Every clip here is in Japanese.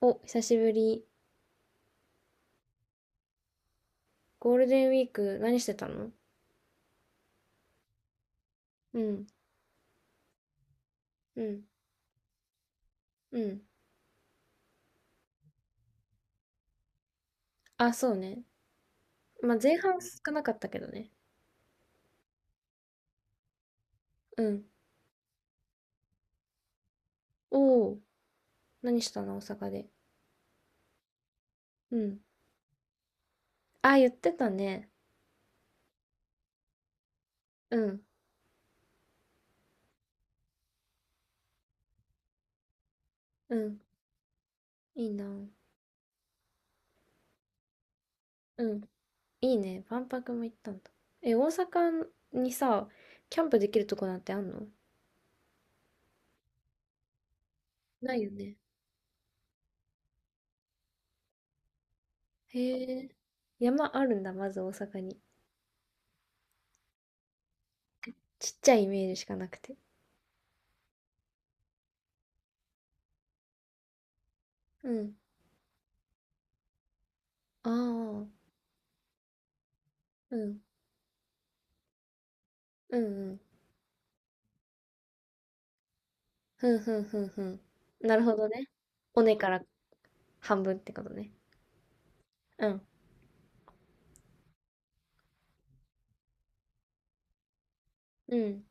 お、久しぶり。ゴールデンウィーク何してたの？うん、うん、うん。あ、そうね。まあ、前半少なかったけどね。うん。おお、何したの大阪で。うん。あ、言ってたね。うん、うん。いいな。うん。いいね。万博も行ったんだ。え、大阪にさ、キャンプできるとこなんてあんの？ないよね。へえ。山あるんだ、まず大阪に。ちっちゃいイメージしかなくて。うん。ああ。うん。うんうん。ふんふんふんふん。なるほどね。尾根から半分ってことね。うん。うん。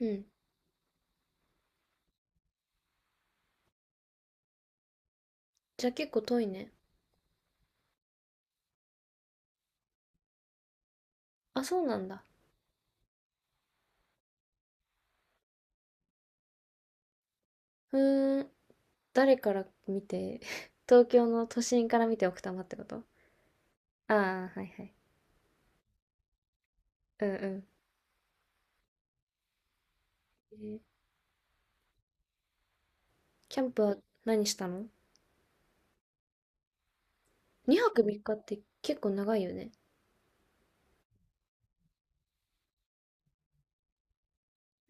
うん。じゃあ結構遠いね。あ、そうなんだ。ふーん。誰から見て、東京の都心から見て奥多摩ってこと？ああー、はいはい。うんうん。えーキャンプは何したの？ 2 泊3日って結構長いよね。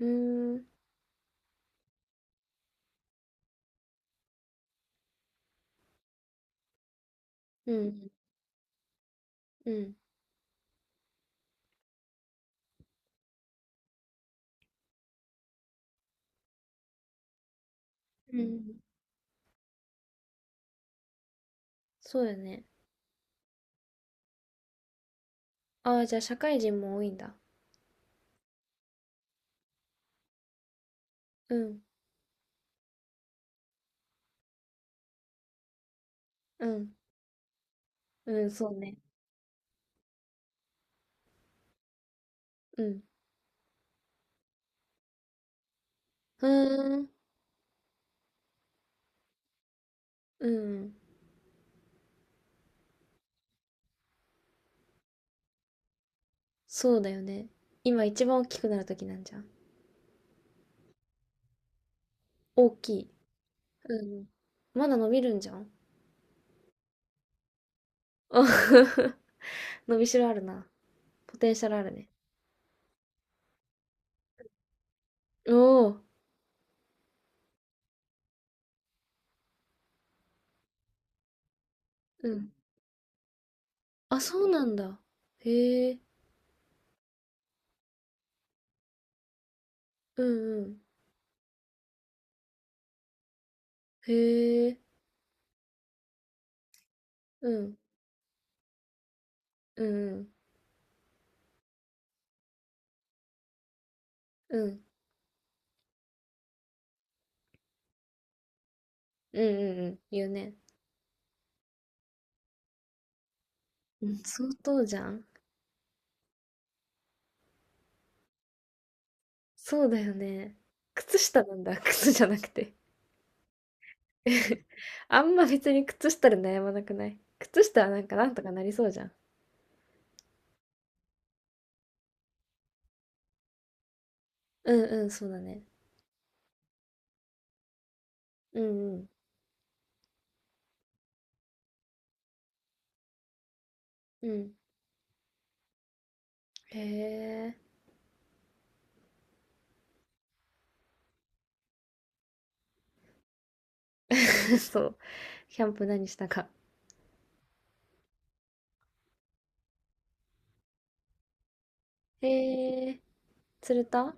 うーん。うん。うん。うん。そうよね。ああ、じゃあ社会人も多いんだ。うん。うん。うん、そうね。うん。ふーん。うん。そうだよね。今一番大きくなる時なんじゃん。大きい。うん。まだ伸びるんじゃん。あ 伸びしろあるな。ポテンシャルあるね。おお。うん。あ、そうなんだ。へえ。うんうん。へえ。うん。うんうん。うん。うんうんうん。言うね。うん、相当じゃん。そうだよね。靴下なんだ。靴じゃなくて。あんま別に靴下で悩まなくない？靴下はなんかなんとかなりそうじゃん。うんうん、そうだね。うんうん。うん。へえ。そう。キャンプ何したか。へえ。釣れた？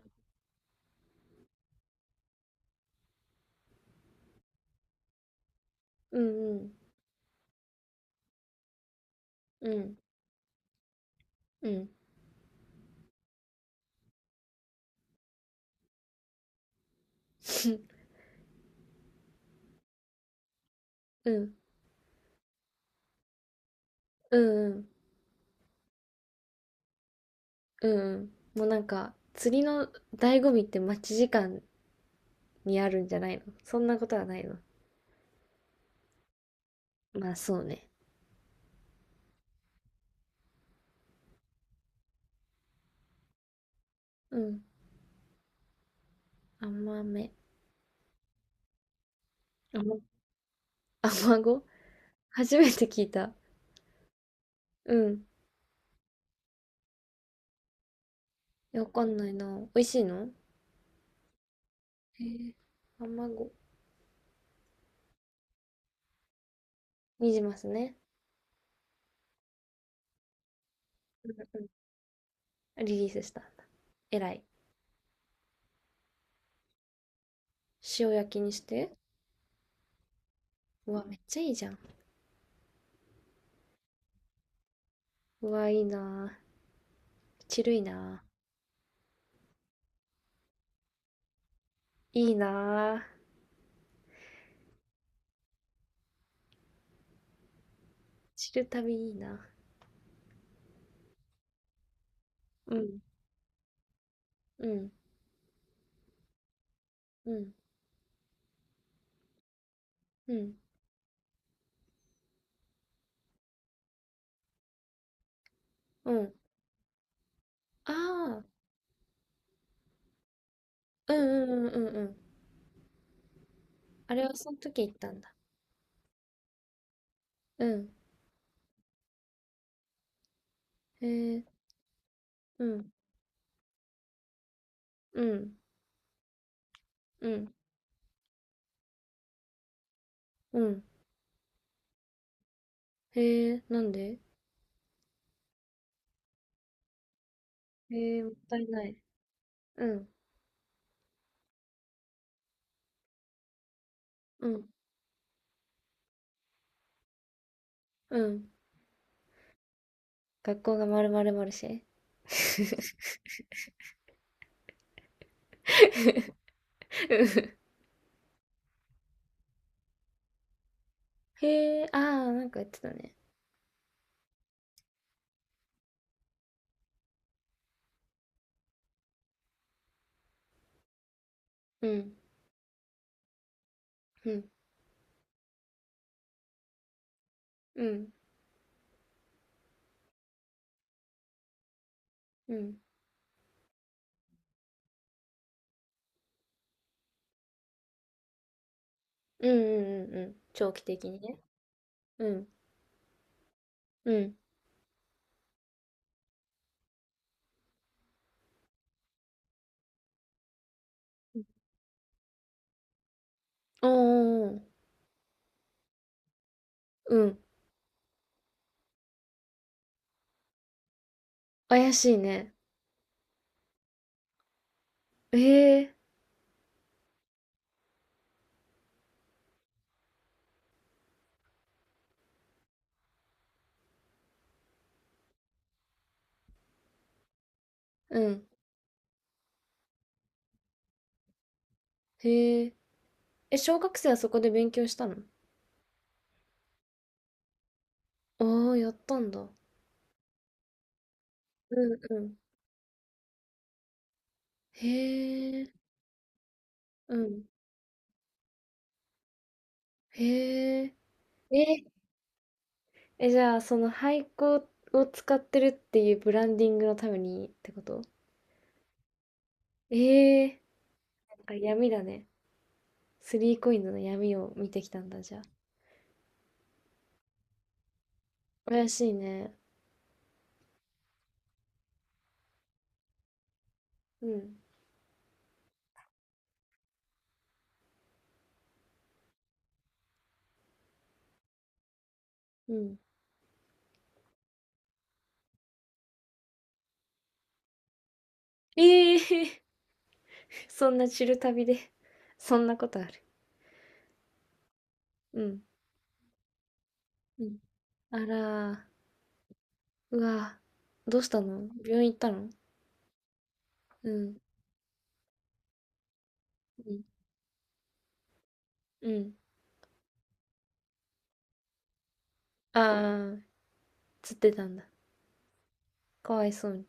うんうん。うん。うん。うん。うんうん。うんうん。もうなんか、釣りの醍醐味って待ち時間にあるんじゃないの？そんなことはないの？まあそうね。うん。甘め。甘、甘子？初めて聞いた。うん。いやわかんないな。美味しいの？へえ。甘子。にじますね。うん。リリースした。えらい。塩焼きにして。うわ、めっちゃいいじゃん。うわ、いいなぁ。チルいなぁ。いいなぁ。チル旅いいな。うんうんうんうんうん。ああ、うんうんうんうんうん。あれはその時行ったんだ。うん。へえ、うん、うん、うん、うん。へえ、なんで？へえ、もったいない。うん、うん、うん。学校がまるまるマルシェ？ うん。へえ、ああ、なんか言ってたね。うん、うん、うん、うん、うん、うん、うん、うん、長期的にね。うん、うん。おー、おー、うん。怪しいね。へえ、うん。へえ。え、小学生はそこで勉強したの？ああー、やったんだ。うんうん。へえ、うん。へえ。え、え、じゃあ、その廃校を使ってるっていうブランディングのためにってこと？ええ、なんか闇だね。スリーコインズの闇を見てきたんだ、じゃあ。怪しいね。うん。うん。ええ、そんなチル旅で、そんなことある？うんうん。あらー、うわー、どうしたの？病院行ったの？うん、うん、うん。ああ、つってたんだ。かわいそうに。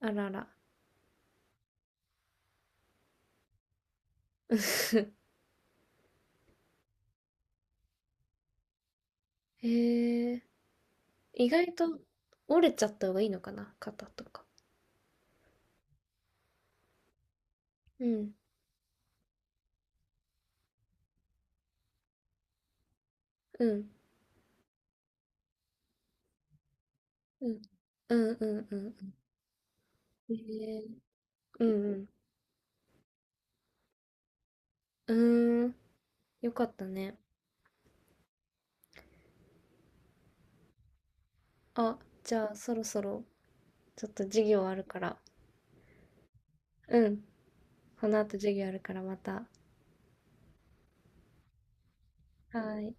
あらら。へえ、意外と折れちゃった方がいいのかな肩とか。うん、うん、うん、うん、うん、うん。へえ、うん、うん。うーん、よかったね。あ、じゃあそろそろちょっと授業あるから。うん、この後授業あるからまた。はーい。